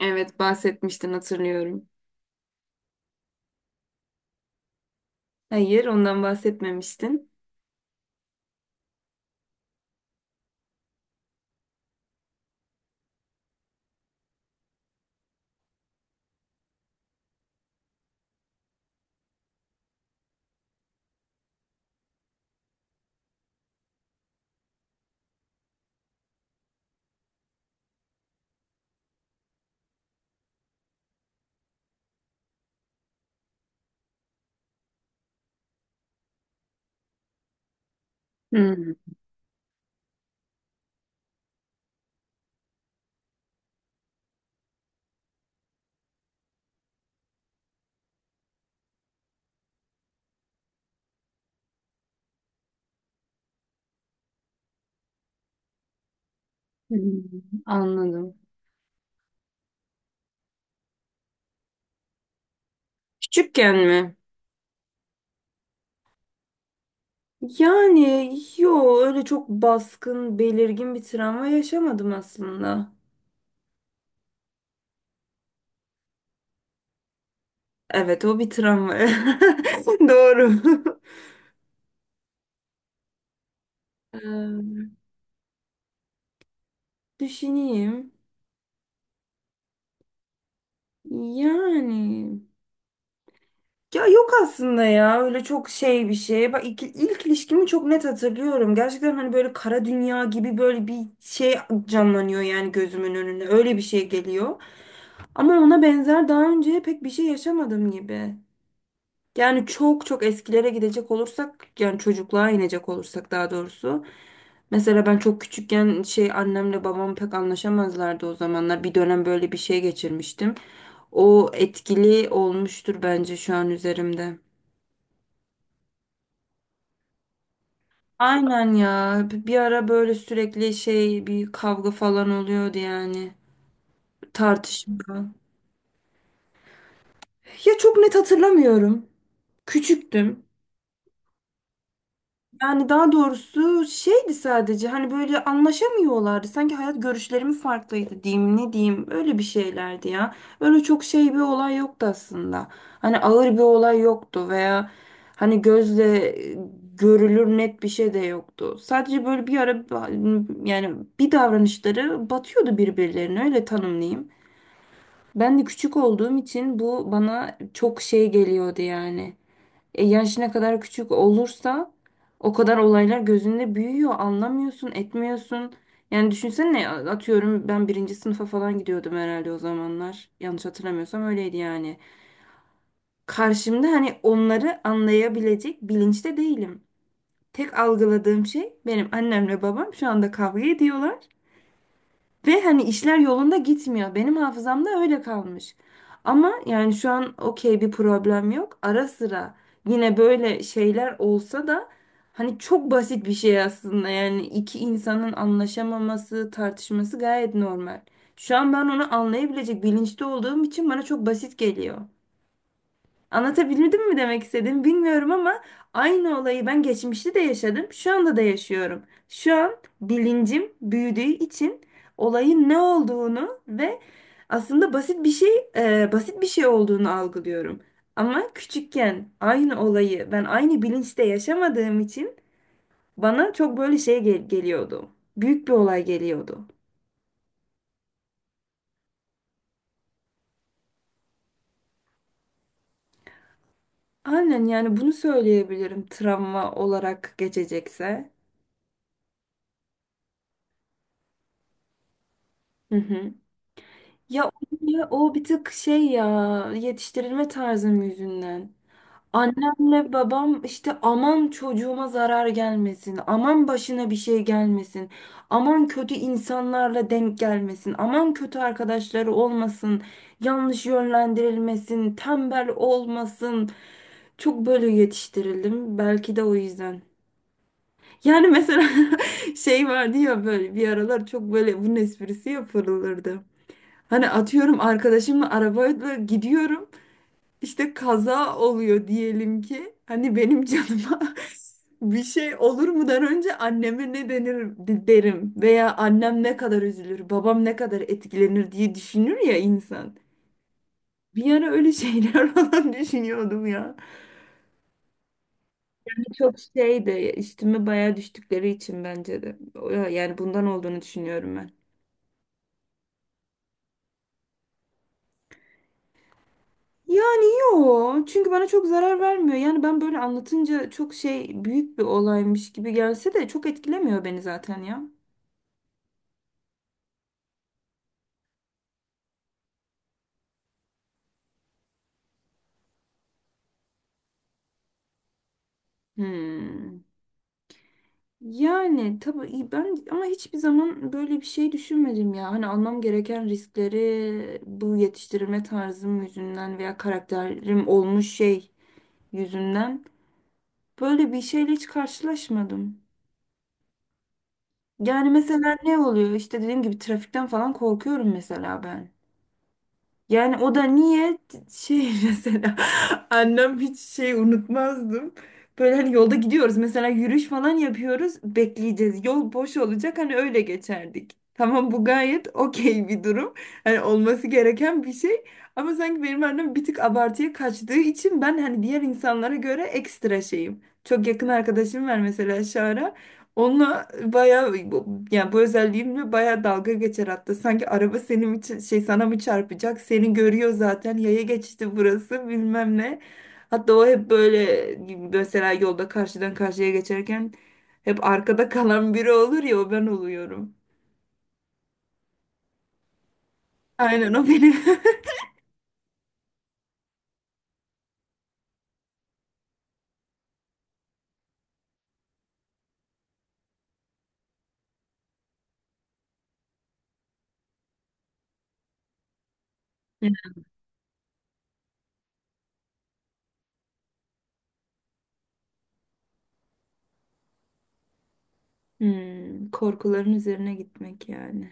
Evet bahsetmiştin, hatırlıyorum. Hayır, ondan bahsetmemiştin. Hmm, hmm, anladım. Küçükken mi? Yani yo, öyle çok baskın, belirgin bir travma yaşamadım aslında. Evet, o bir travma. Doğru. Ee, düşüneyim. Yani Ya yok aslında ya, öyle çok şey bir şey. Bak ilk ilişkimi çok net hatırlıyorum. Gerçekten hani böyle kara dünya gibi böyle bir şey canlanıyor yani gözümün önünde. Öyle bir şey geliyor. Ama ona benzer daha önce pek bir şey yaşamadım gibi. Yani çok çok eskilere gidecek olursak, yani çocukluğa inecek olursak daha doğrusu. Mesela ben çok küçükken şey, annemle babam pek anlaşamazlardı o zamanlar. Bir dönem böyle bir şey geçirmiştim. O etkili olmuştur bence şu an üzerimde. Aynen ya. Bir ara böyle sürekli şey, bir kavga falan oluyordu yani. Tartışma. Ya çok net hatırlamıyorum. Küçüktüm. Yani daha doğrusu şeydi, sadece hani böyle anlaşamıyorlardı. Sanki hayat görüşlerimi farklıydı diyeyim, ne diyeyim, öyle bir şeylerdi ya. Öyle çok şey, bir olay yoktu aslında. Hani ağır bir olay yoktu veya hani gözle e, görülür net bir şey de yoktu. Sadece böyle bir ara, yani bir davranışları batıyordu birbirlerine, öyle tanımlayayım. Ben de küçük olduğum için bu bana çok şey geliyordu yani. Yaş ne kadar küçük olursa o kadar olaylar gözünde büyüyor. Anlamıyorsun, etmiyorsun. Yani düşünsene, atıyorum ben birinci sınıfa falan gidiyordum herhalde o zamanlar. Yanlış hatırlamıyorsam öyleydi yani. Karşımda hani onları anlayabilecek bilinçte değilim. Tek algıladığım şey, benim annemle babam şu anda kavga ediyorlar. Ve hani işler yolunda gitmiyor. Benim hafızamda öyle kalmış. Ama yani şu an okey, bir problem yok. Ara sıra yine böyle şeyler olsa da hani çok basit bir şey aslında. Yani iki insanın anlaşamaması, tartışması gayet normal. Şu an ben onu anlayabilecek bilinçte olduğum için bana çok basit geliyor. Anlatabildim mi demek istedim, bilmiyorum ama aynı olayı ben geçmişte de yaşadım, şu anda da yaşıyorum. Şu an bilincim büyüdüğü için olayın ne olduğunu ve aslında basit bir şey, basit bir şey olduğunu algılıyorum. Ama küçükken aynı olayı ben aynı bilinçte yaşamadığım için bana çok böyle şey geliyordu. Büyük bir olay geliyordu. Aynen, yani bunu söyleyebilirim travma olarak geçecekse. Hı hı. Ya o bir tık şey ya, yetiştirilme tarzım yüzünden. Annemle babam işte aman çocuğuma zarar gelmesin, aman başına bir şey gelmesin, aman kötü insanlarla denk gelmesin, aman kötü arkadaşları olmasın, yanlış yönlendirilmesin, tembel olmasın. Çok böyle yetiştirildim. Belki de o yüzden. Yani mesela şey vardı ya, böyle bir aralar çok böyle bunun esprisi yapılırdı. Hani atıyorum, arkadaşımla arabayla gidiyorum. İşte kaza oluyor diyelim ki. Hani benim canıma bir şey olur mudan önce anneme ne denir derim, veya annem ne kadar üzülür, babam ne kadar etkilenir diye düşünür ya insan. Bir ara öyle şeyler falan düşünüyordum ya. Çok şey de üstüme bayağı düştükleri için bence de. O- yani bundan olduğunu düşünüyorum ben. Yani yok. Çünkü bana çok zarar vermiyor. Yani ben böyle anlatınca çok şey, büyük bir olaymış gibi gelse de çok etkilemiyor beni zaten ya. Hmm. Yani tabii iyi, ben ama hiçbir zaman böyle bir şey düşünmedim ya. Hani almam gereken riskleri bu yetiştirilme tarzım yüzünden veya karakterim olmuş şey yüzünden, böyle bir şeyle hiç karşılaşmadım. Yani mesela ne oluyor? İşte dediğim gibi trafikten falan korkuyorum mesela ben. Yani o da niye şey mesela annem hiç şey unutmazdım. Böyle hani yolda gidiyoruz mesela, yürüyüş falan yapıyoruz, bekleyeceğiz, yol boş olacak, hani öyle geçerdik. Tamam, bu gayet okey bir durum. Hani olması gereken bir şey. Ama sanki benim annem bir tık abartıya kaçtığı için ben hani diğer insanlara göre ekstra şeyim. Çok yakın arkadaşım var mesela, Şara. Onunla bayağı yani bu özelliğimle bayağı dalga geçer hatta. Sanki araba senin için şey, sana mı çarpacak? Seni görüyor zaten. Yaya geçti, burası bilmem ne. Hatta o hep böyle mesela yolda karşıdan karşıya geçerken hep arkada kalan biri olur ya, o ben oluyorum. Aynen, o benim. Hmm, korkuların üzerine gitmek yani.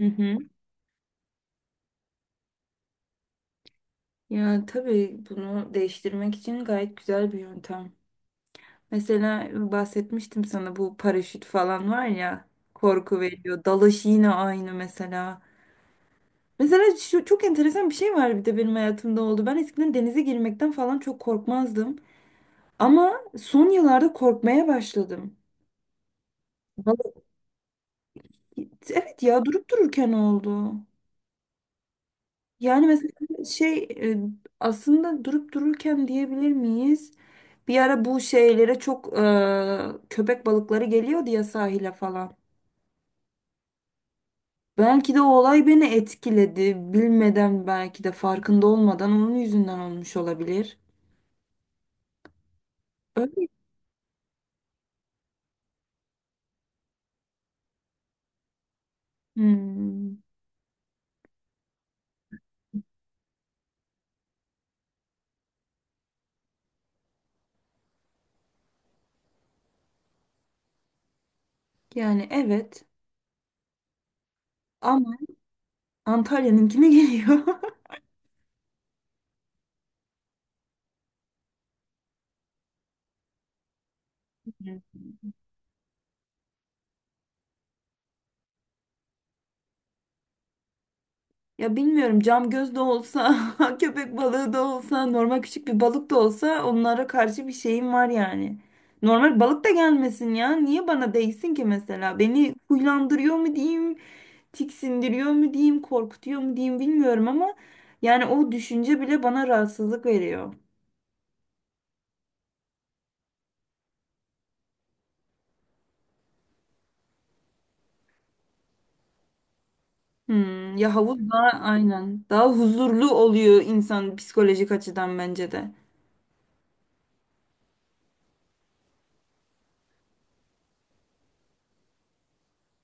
Hı hı. Ya tabii bunu değiştirmek için gayet güzel bir yöntem. Mesela bahsetmiştim sana, bu paraşüt falan var ya, korku veriyor. Dalış yine aynı mesela. Mesela şu çok enteresan bir şey var, bir de benim hayatımda oldu. Ben eskiden denize girmekten falan çok korkmazdım. Ama son yıllarda korkmaya başladım. Vallahi- evet ya, durup dururken oldu. Yani mesela şey, e, aslında durup dururken diyebilir miyiz? Bir ara bu şeylere çok köpek balıkları geliyordu ya sahile falan. Belki de o olay beni etkiledi. Bilmeden, belki de farkında olmadan onun yüzünden olmuş olabilir. Öyle. Hmm. Yani evet, ama Antalya'nınkine geliyor. Hı. Ya bilmiyorum, cam göz de olsa, köpek balığı da olsa, normal küçük bir balık da olsa, onlara karşı bir şeyim var yani. Normal balık da gelmesin ya. Niye bana değsin ki mesela? Beni huylandırıyor mu diyeyim, tiksindiriyor mu diyeyim, korkutuyor mu diyeyim, bilmiyorum ama yani o düşünce bile bana rahatsızlık veriyor. Hmm, ya havuz daha aynen, daha huzurlu oluyor insan psikolojik açıdan bence de.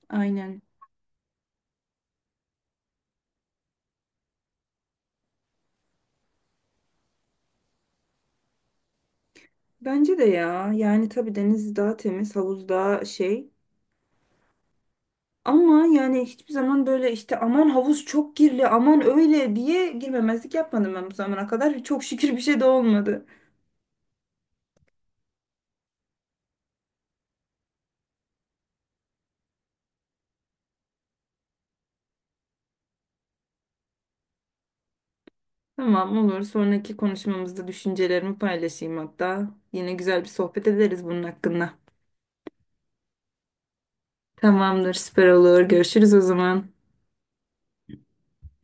Aynen. Bence de ya. Yani tabii deniz daha temiz, havuz daha şey. Ama yani hiçbir zaman böyle işte aman havuz çok kirli, aman öyle diye girmemezlik yapmadım ben bu zamana kadar. Çok şükür bir şey de olmadı. Tamam, olur. Sonraki konuşmamızda düşüncelerimi paylaşayım hatta. Yine güzel bir sohbet ederiz bunun hakkında. Tamamdır, süper olur. Görüşürüz o zaman.